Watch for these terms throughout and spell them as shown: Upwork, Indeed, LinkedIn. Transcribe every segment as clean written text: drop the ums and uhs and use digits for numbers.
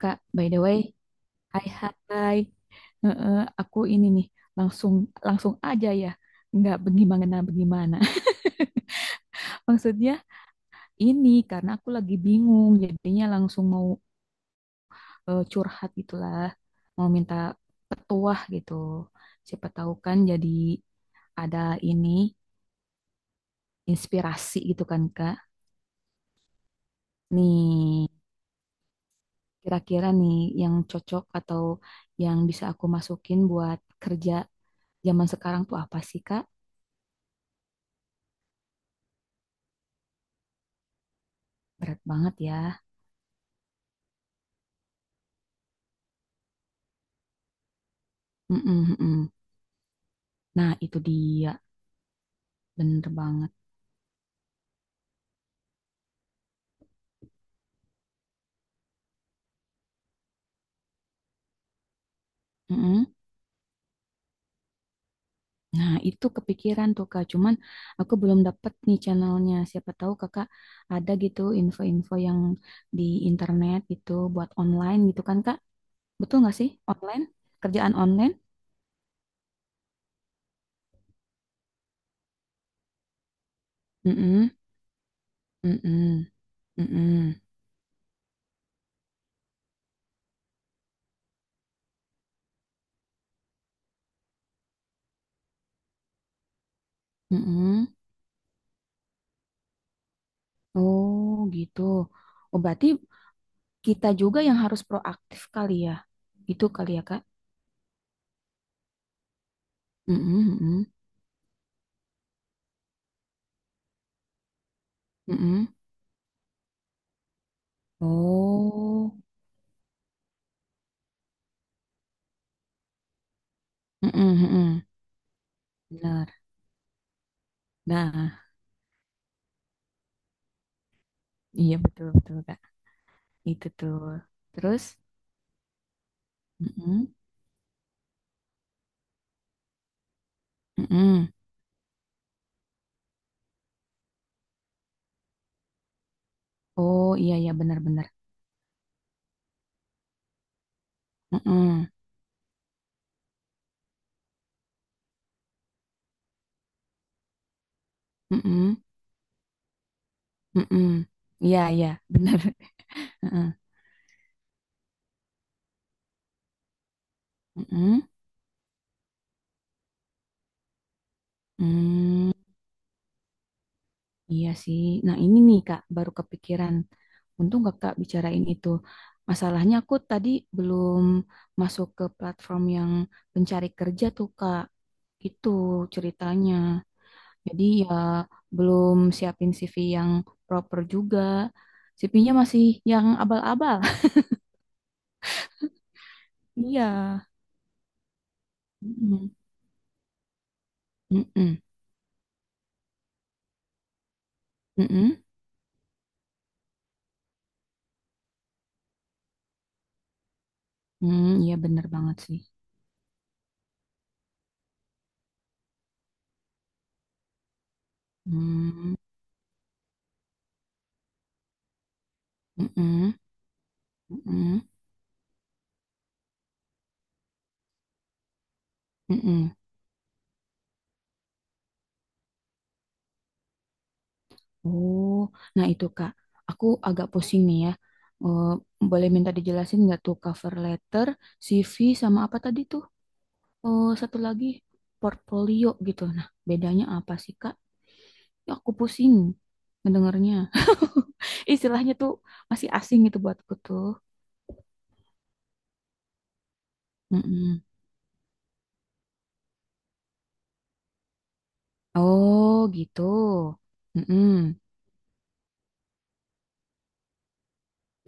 Kak, by the way, hai hai. Heeh, aku ini nih langsung langsung aja ya. Nggak bagaimana bagaimana. Maksudnya ini karena aku lagi bingung jadinya langsung mau curhat gitulah. Mau minta petuah gitu. Siapa tahu kan jadi ada ini inspirasi gitu kan Kak. Nih, kira-kira nih yang cocok atau yang bisa aku masukin buat kerja zaman sekarang tuh apa sih Kak? Berat banget ya. Mm-mm, mm-mm. Nah, itu dia, bener banget. Mm-mm. Nah, itu kepikiran tuh Kak, cuman aku belum dapet nih channelnya. Siapa tahu Kakak ada gitu info-info yang di internet gitu buat online gitu kan Kak? Betul nggak sih? Online? Kerjaan online? Mm-mm, mm-mm, mm-mm, mm-mm. Oh, gitu. Oh, berarti kita juga yang harus proaktif kali ya. Gitu kali ya Kak? Mm-mm, mm-mm, mm-mm. Oh. Mm-mm, mm-mm. Benar. Nah, iya betul-betul, Kak. Itu tuh. Terus, mm-mm, mm-mm. Oh, iya, iya, benar-benar. Mm-mm, mm-mm, mm-mm. Iya, iya, benar. Mm-mm, mm-mm, mm. Iya sih. Nah, ini nih, Kak, baru kepikiran. Untung Kakak bicarain itu. Masalahnya aku tadi belum masuk ke platform yang pencari kerja tuh, Kak. Itu ceritanya. Jadi ya belum siapin CV yang proper juga. CV-nya masih yang abal-abal. Iya. Mm-mm. Mm-mm. Mm-mm. Mm, iya bener banget sih. Mm, mm-mm. Mm-mm. Mm-mm. Oh, nah itu Kak, aku agak pusing nih ya. Eh, boleh minta dijelasin nggak tuh cover letter, CV, sama apa tadi tuh? Oh, satu lagi portfolio gitu. Nah, bedanya apa sih Kak? Ya, aku pusing mendengarnya. Istilahnya tuh masih asing gitu buatku tuh. Mm-mm. Oh gitu. Mm-mm.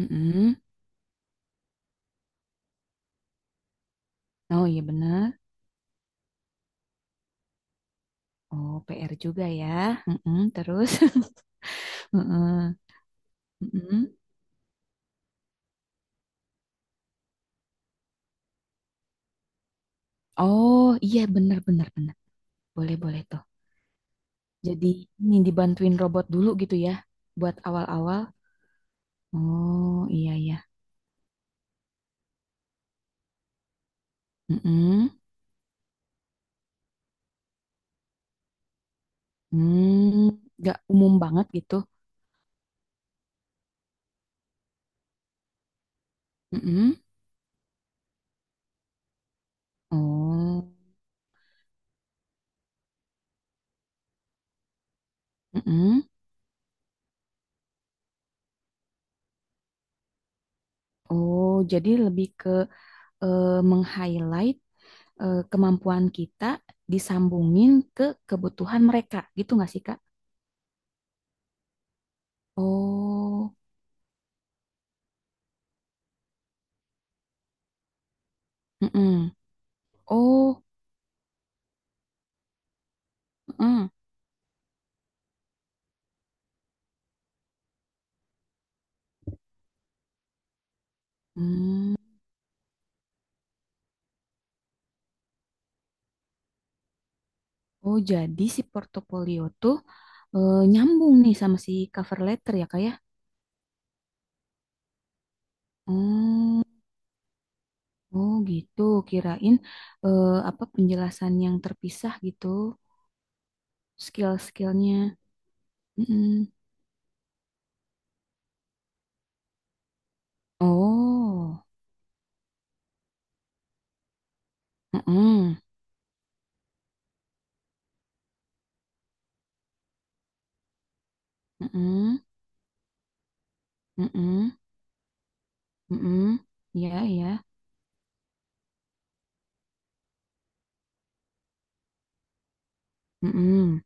Mm-mm. Oh iya bener. Oh PR juga ya. Mm-mm. Terus. Mm-mm. Mm-mm. Oh iya bener bener bener. Boleh boleh tuh. Jadi ini dibantuin robot dulu gitu ya. Buat awal-awal. Oh iya iya. Mm-mm. Hmm, gak umum banget gitu. Mm-mm. Oh. Mm-mm. Oh, jadi lebih ke meng-highlight kemampuan kita disambungin ke kebutuhan mereka, gitu nggak sih, Kak? Oh, mm-mm. Oh, mm-mm. Hmm. Oh, jadi si portofolio tuh nyambung nih sama si cover letter ya, Kak ya? Hmm. Oh, gitu. Kirain apa penjelasan yang terpisah gitu, skill-skillnya. Mm-mm. Oh, mm-mm. Mm-mm. Mm-mm. Mm-mm. Ya, ya. Mm-mm.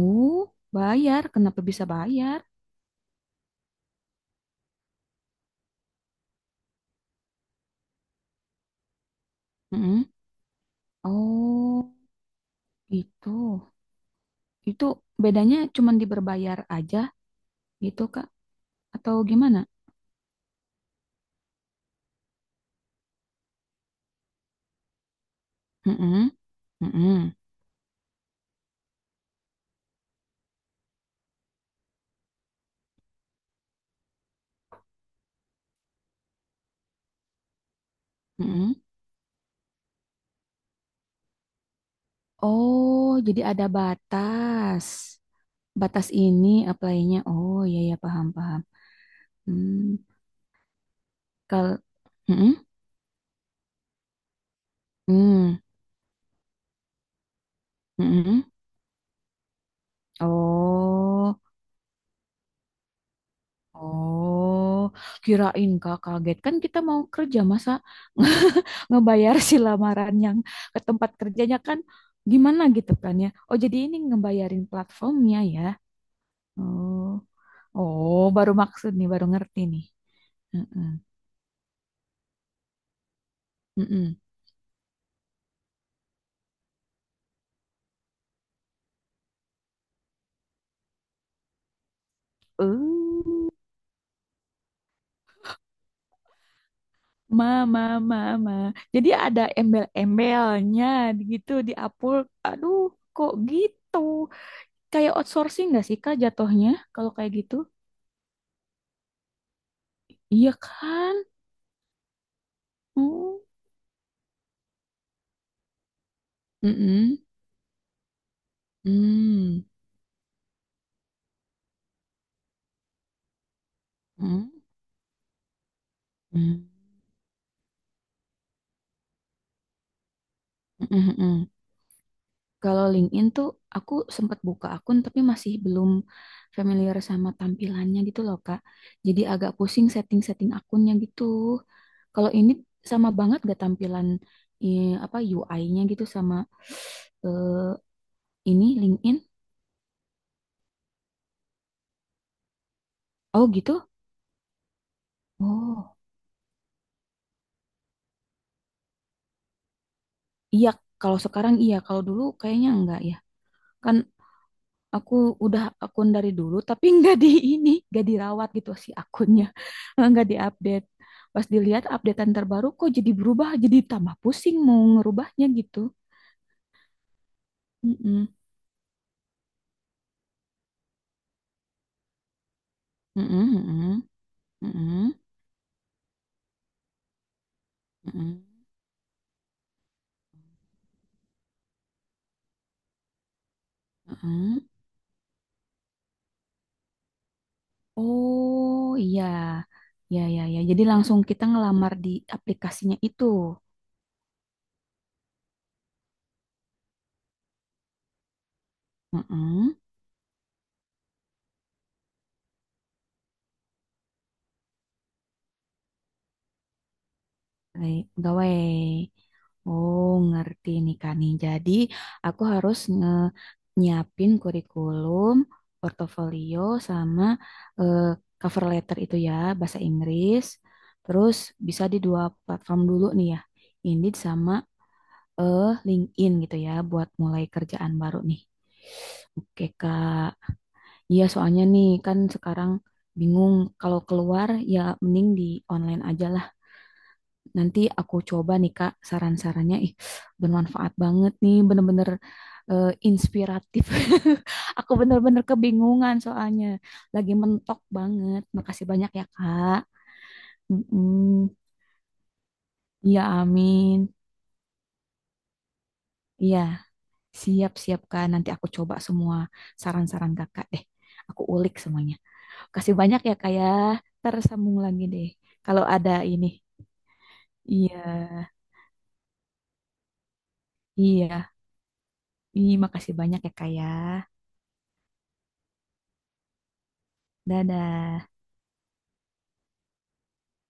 Oh, bayar. Kenapa bisa bayar? Mm-mm. Oh, gitu. Itu bedanya cuma di berbayar aja gitu, Kak? Atau gimana? Mm-mm. Mm-mm. Mm-mm. Oh, jadi ada batas. Batas ini apply-nya. Oh, iya, iya, paham, paham. Hmm. Kalau... Mm-mm. Mm. Mm-mm. Oh, oh. Kirain Kak kaget. Kan kita mau kerja, masa... ngebayar si lamaran yang ke tempat kerjanya kan gimana gitu kan ya. Oh jadi ini ngebayarin platformnya ya. Oh, oh baru maksud nih, baru ngerti nih. Heeh. Heeh. Eh, ma, ma, ma, ma. Jadi ada embel-embelnya gitu di Upwork. Aduh, kok gitu? Kayak outsourcing nggak sih Kak jatuhnya kalau kayak gitu? Iya kan? Hmm. Mm-mm. Hmm. Hmm. Hmm. Mm-mm. Kalau LinkedIn tuh aku sempat buka akun tapi masih belum familiar sama tampilannya gitu loh Kak. Jadi agak pusing setting-setting akunnya gitu. Kalau ini sama banget gak tampilan apa UI-nya gitu sama eh, ini LinkedIn? Oh gitu? Oh iya. Kalau sekarang iya. Kalau dulu kayaknya enggak ya. Kan aku udah akun dari dulu, tapi nggak di ini, nggak dirawat gitu si akunnya, nggak diupdate. Pas dilihat updatean terbaru, kok jadi berubah, jadi tambah pusing mau ngerubahnya gitu. Mm-mm. Mm-mm, mm-mm, mm-mm, mm-mm, mm-mm. Oh iya, ya ya ya. Jadi langsung kita ngelamar di aplikasinya itu. Mm-mm. Pegawai, pegawai. Oh, ngerti nih Kak nih. Jadi, aku harus nge nyiapin kurikulum, portofolio, sama eh, cover letter itu ya, bahasa Inggris. Terus bisa di dua platform dulu nih ya, Indeed sama LinkedIn gitu ya, buat mulai kerjaan baru nih. Oke Kak, iya soalnya nih kan sekarang bingung kalau keluar ya mending di online aja. Nanti aku coba nih Kak saran-sarannya. Ih, bermanfaat banget nih, bener-bener inspiratif. Aku bener-bener kebingungan soalnya. Lagi mentok banget. Makasih banyak ya Kak. Mm-mm. Iya, amin. Iya, siap-siap Kak. Nanti aku coba semua saran-saran Kakak deh. Aku ulik semuanya. Kasih banyak ya Kak ya. Tersambung lagi deh. Kalau ada ini. Iya, iya. Ih, makasih banyak ya Kak ya. Dadah.